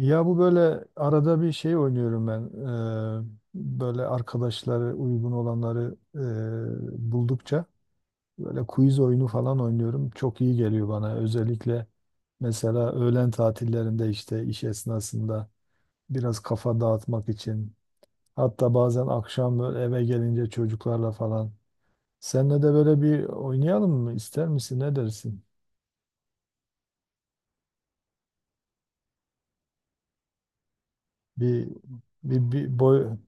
Ya bu böyle arada bir şey oynuyorum ben. Böyle arkadaşları uygun olanları buldukça böyle quiz oyunu falan oynuyorum. Çok iyi geliyor bana. Özellikle mesela öğlen tatillerinde işte iş esnasında biraz kafa dağıtmak için. Hatta bazen akşam böyle eve gelince çocuklarla falan. Seninle de böyle bir oynayalım mı? İster misin? Ne dersin? Bir bir, bir boy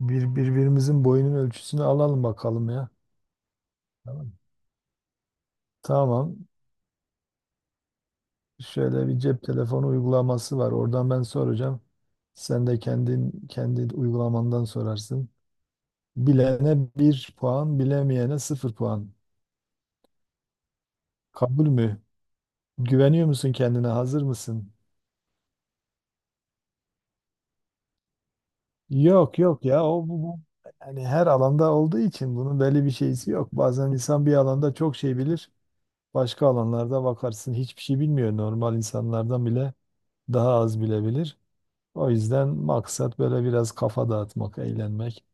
birbirimizin boyunun ölçüsünü alalım bakalım ya. Tamam. Tamam. Şöyle bir cep telefonu uygulaması var. Oradan ben soracağım. Sen de kendin kendi uygulamandan sorarsın. Bilene bir puan, bilemeyene sıfır puan. Kabul mü? Güveniyor musun kendine? Hazır mısın? Yok yok ya yani her alanda olduğu için bunun belli bir şeysi yok. Bazen insan bir alanda çok şey bilir. Başka alanlarda bakarsın hiçbir şey bilmiyor. Normal insanlardan bile daha az bilebilir. O yüzden maksat böyle biraz kafa dağıtmak, eğlenmek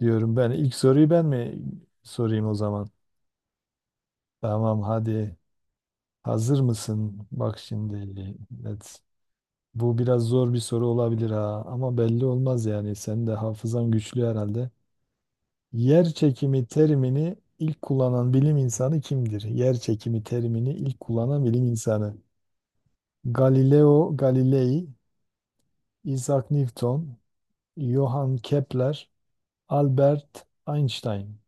diyorum ben. İlk soruyu ben mi sorayım o zaman? Tamam hadi. Hazır mısın? Bak şimdi. Evet. Bu biraz zor bir soru olabilir ha, ama belli olmaz yani. Senin de hafızan güçlü herhalde. Yer çekimi terimini ilk kullanan bilim insanı kimdir? Yer çekimi terimini ilk kullanan bilim insanı. Galileo Galilei, Isaac Newton, Johann Kepler, Albert Einstein.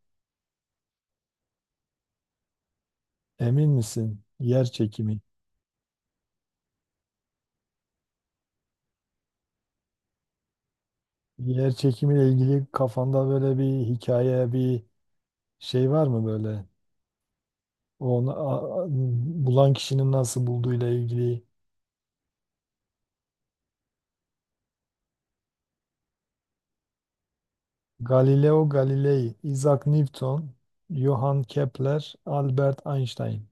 Emin misin? Yer çekimi. Yer çekimiyle ilgili kafanda böyle bir hikaye, bir şey var mı böyle? Onu bulan kişinin nasıl bulduğuyla ilgili. Galileo Galilei, Isaac Newton, Johann Kepler, Albert Einstein.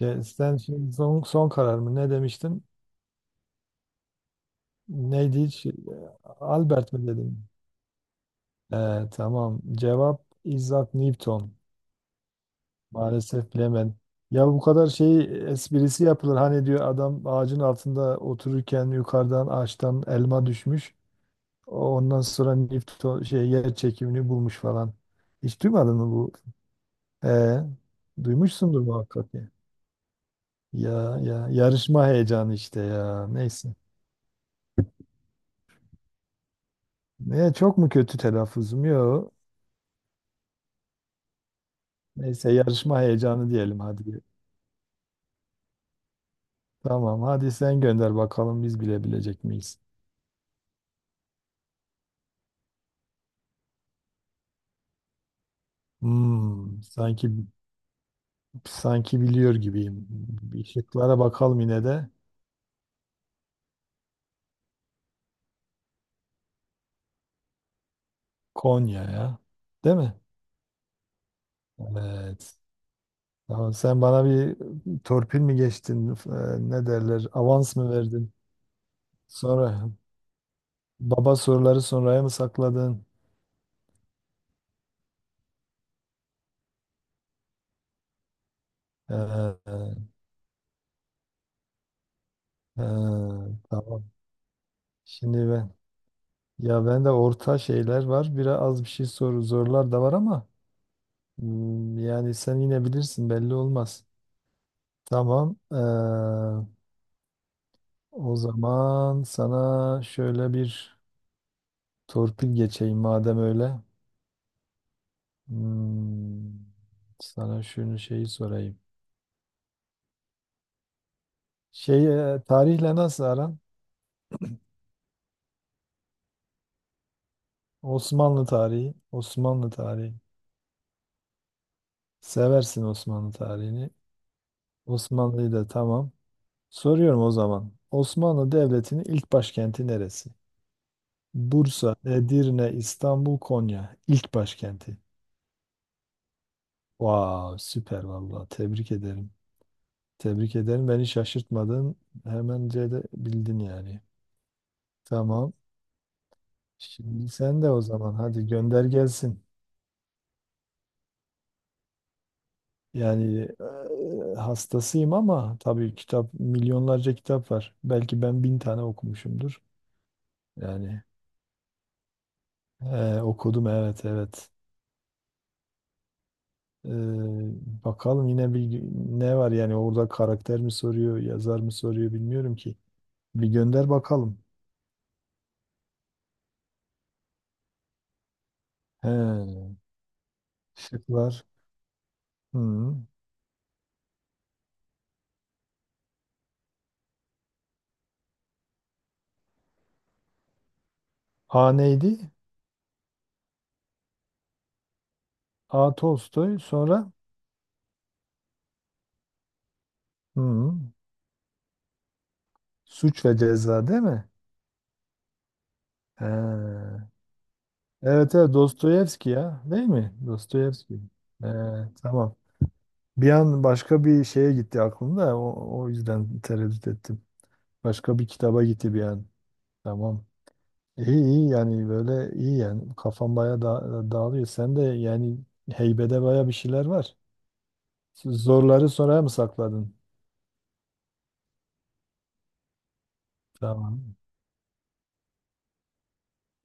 Ya sen şimdi son karar mı? Ne demiştin? Neydi hiç? Albert mi dedin? Ee, tamam. Cevap Isaac Newton. Maalesef bilemem. Ya bu kadar şey esprisi yapılır. Hani diyor adam ağacın altında otururken yukarıdan ağaçtan elma düşmüş. Ondan sonra Newton şey yer çekimini bulmuş falan. Hiç duymadın mı bu? Ee, duymuşsundur muhakkak ya. Ya yarışma heyecanı işte ya. Neyse. Ne, çok mu kötü telaffuzum? Yok. Neyse yarışma heyecanı diyelim hadi. Tamam hadi sen gönder bakalım biz bilebilecek miyiz? Hmm, sanki Sanki biliyor gibiyim. Şıklara bakalım yine de. Konya ya. Değil mi? Evet. Tamam, sen bana bir torpil mi geçtin? Ne derler? Avans mı verdin? Sonra baba soruları sonraya mı sakladın? Ee, e, e, tamam. Şimdi ben ya ben de orta şeyler var. Biraz az bir şey soru zorlar da var ama yani sen yine bilirsin, belli olmaz. Tamam. O zaman sana şöyle bir torpil geçeyim madem öyle. Hmm, sana şunu şeyi sorayım. Şey, tarihle nasıl aran? Osmanlı tarihi, Osmanlı tarihi. Seversin Osmanlı tarihini. Osmanlı'yı da tamam. Soruyorum o zaman. Osmanlı Devleti'nin ilk başkenti neresi? Bursa, Edirne, İstanbul, Konya. İlk başkenti. Vav, süper vallahi. Tebrik ederim. Tebrik ederim. Beni şaşırtmadın. Hemen de bildin yani. Tamam. Şimdi sen de o zaman hadi gönder gelsin. Yani hastasıyım, ama tabii kitap, milyonlarca kitap var. Belki ben bin tane okumuşumdur. Yani okudum, evet evet. E, bakalım yine bir, ne var yani, orada karakter mi soruyor, yazar mı soruyor, bilmiyorum ki. Bir gönder bakalım. He, şıklar. Hı. A neydi? A. Tolstoy sonra hı, Suç ve Ceza değil mi? He. Evet evet, Dostoyevski ya, değil mi? Dostoyevski. He, tamam. Bir an başka bir şeye gitti aklımda, o yüzden tereddüt ettim. Başka bir kitaba gitti bir an. Tamam. İyi iyi, yani böyle iyi, yani kafam baya da dağılıyor. Sen de yani heybede baya bir şeyler var. Zorları sonraya mı sakladın? Tamam.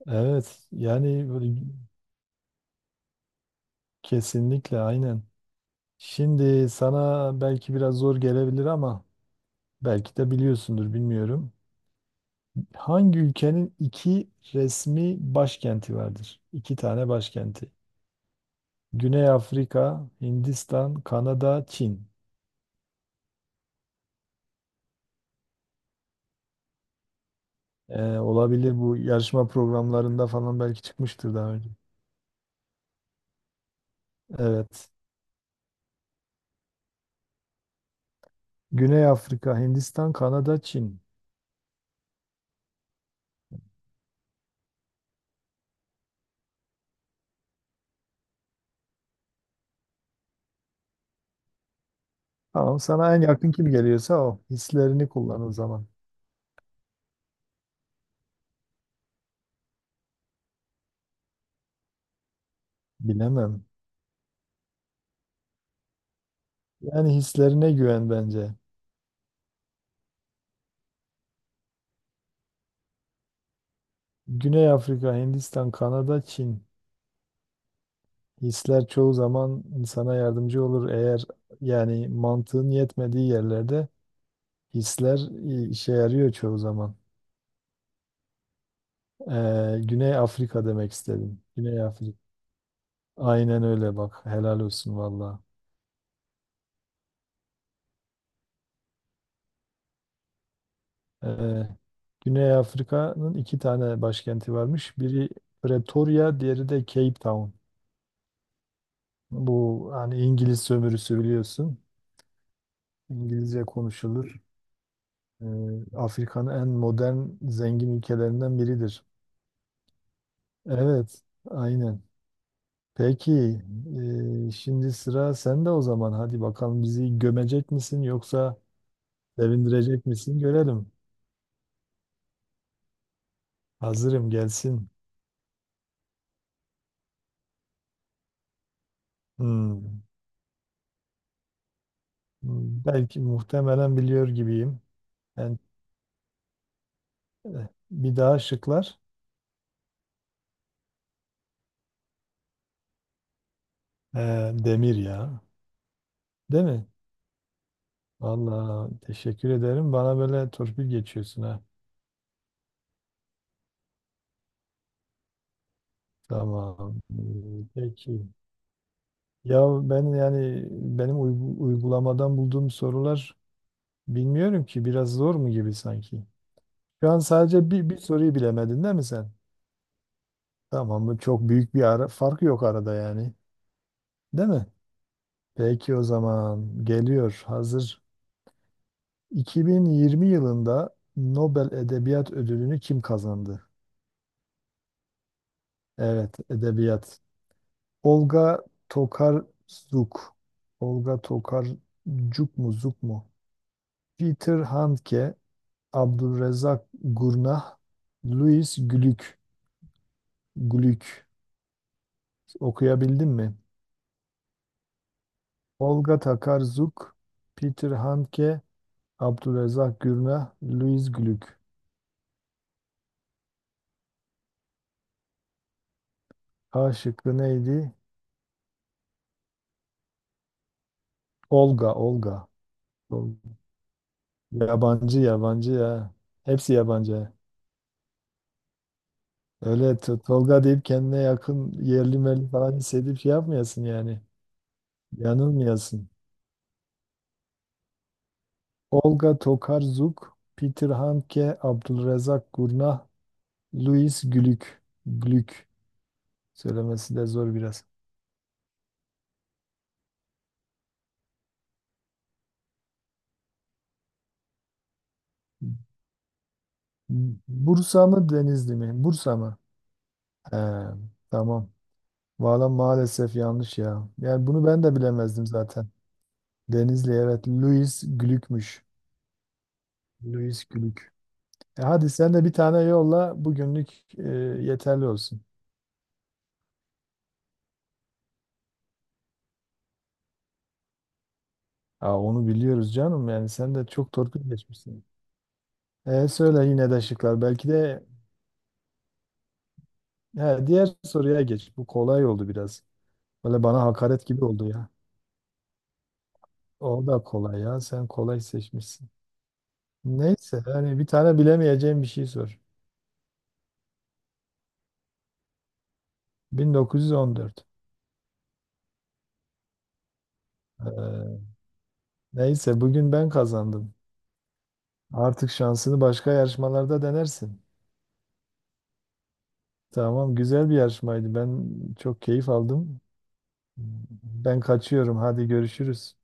Evet yani böyle, kesinlikle, aynen. Şimdi sana belki biraz zor gelebilir, ama belki de biliyorsundur, bilmiyorum. Hangi ülkenin iki resmi başkenti vardır? İki tane başkenti. Güney Afrika, Hindistan, Kanada, Çin. Olabilir bu, yarışma programlarında falan belki çıkmıştır daha önce. Evet. Güney Afrika, Hindistan, Kanada, Çin. Tamam, sana en yakın kim geliyorsa o. Hislerini kullan o zaman. Bilemem. Yani hislerine güven bence. Güney Afrika, Hindistan, Kanada, Çin. Hisler çoğu zaman insana yardımcı olur. Eğer yani mantığın yetmediği yerlerde hisler işe yarıyor çoğu zaman. Güney Afrika demek istedim. Güney Afrika. Aynen öyle bak. Helal olsun valla. Ee, Güney Afrika'nın iki tane başkenti varmış. Biri Pretoria, diğeri de Cape Town. Bu hani İngiliz sömürüsü, biliyorsun. İngilizce konuşulur. Ee, Afrika'nın en modern, zengin ülkelerinden biridir. Evet, aynen. Peki, şimdi sıra sende o zaman. Hadi bakalım, bizi gömecek misin yoksa sevindirecek misin? Görelim. Hazırım, gelsin. Hmm. Belki muhtemelen biliyor gibiyim. Ben, bir daha şıklar. Demir ya. Değil mi? Vallahi teşekkür ederim. Bana böyle torpil geçiyorsun ha. Tamam. Peki. Ya ben, yani benim uygulamadan bulduğum sorular, bilmiyorum ki, biraz zor mu gibi sanki. Şu an sadece bir soruyu bilemedin değil mi sen? Tamam mı? Çok büyük bir fark yok arada yani. Değil mi? Peki o zaman, geliyor, hazır. 2020 yılında Nobel Edebiyat Ödülünü kim kazandı? Evet, edebiyat. Olga Tokarczuk. Olga Tokarczuk mu, Zuk mu? Peter Handke, Abdülrezzak Gurnah, Louis Glück, Glück okuyabildim mi? Olga Takarzuk, Peter Handke, Abdülrezzak Gurnah, Louis Glück. A şıkkı neydi? Olga, Olga. Tol- Yabancı, yabancı ya. Hepsi yabancı. Öyle Tolga deyip kendine yakın, yerli meli falan hissedip şey yapmayasın yani. Yanılmayasın. Olga Tokarzuk, Peter Handke, Abdülrezzak Gurnah, Louis Glück. Glück. Söylemesi de zor biraz. Bursa mı, Denizli mi? Bursa mı? He, tamam. Valla maalesef yanlış ya. Yani bunu ben de bilemezdim zaten. Denizli evet. Louis Glück'müş. Louis Glück. E hadi sen de bir tane yolla, bugünlük e, yeterli olsun. Aa, onu biliyoruz canım, yani sen de çok torpil geçmişsin. Söyle yine de şıklar. Belki de, he, diğer soruya geç. Bu kolay oldu biraz. Böyle bana hakaret gibi oldu ya. O da kolay ya. Sen kolay seçmişsin. Neyse, hani bir tane bilemeyeceğim bir şey sor. 1914. Ee, neyse bugün ben kazandım. Artık şansını başka yarışmalarda denersin. Tamam, güzel bir yarışmaydı. Ben çok keyif aldım. Ben kaçıyorum. Hadi görüşürüz.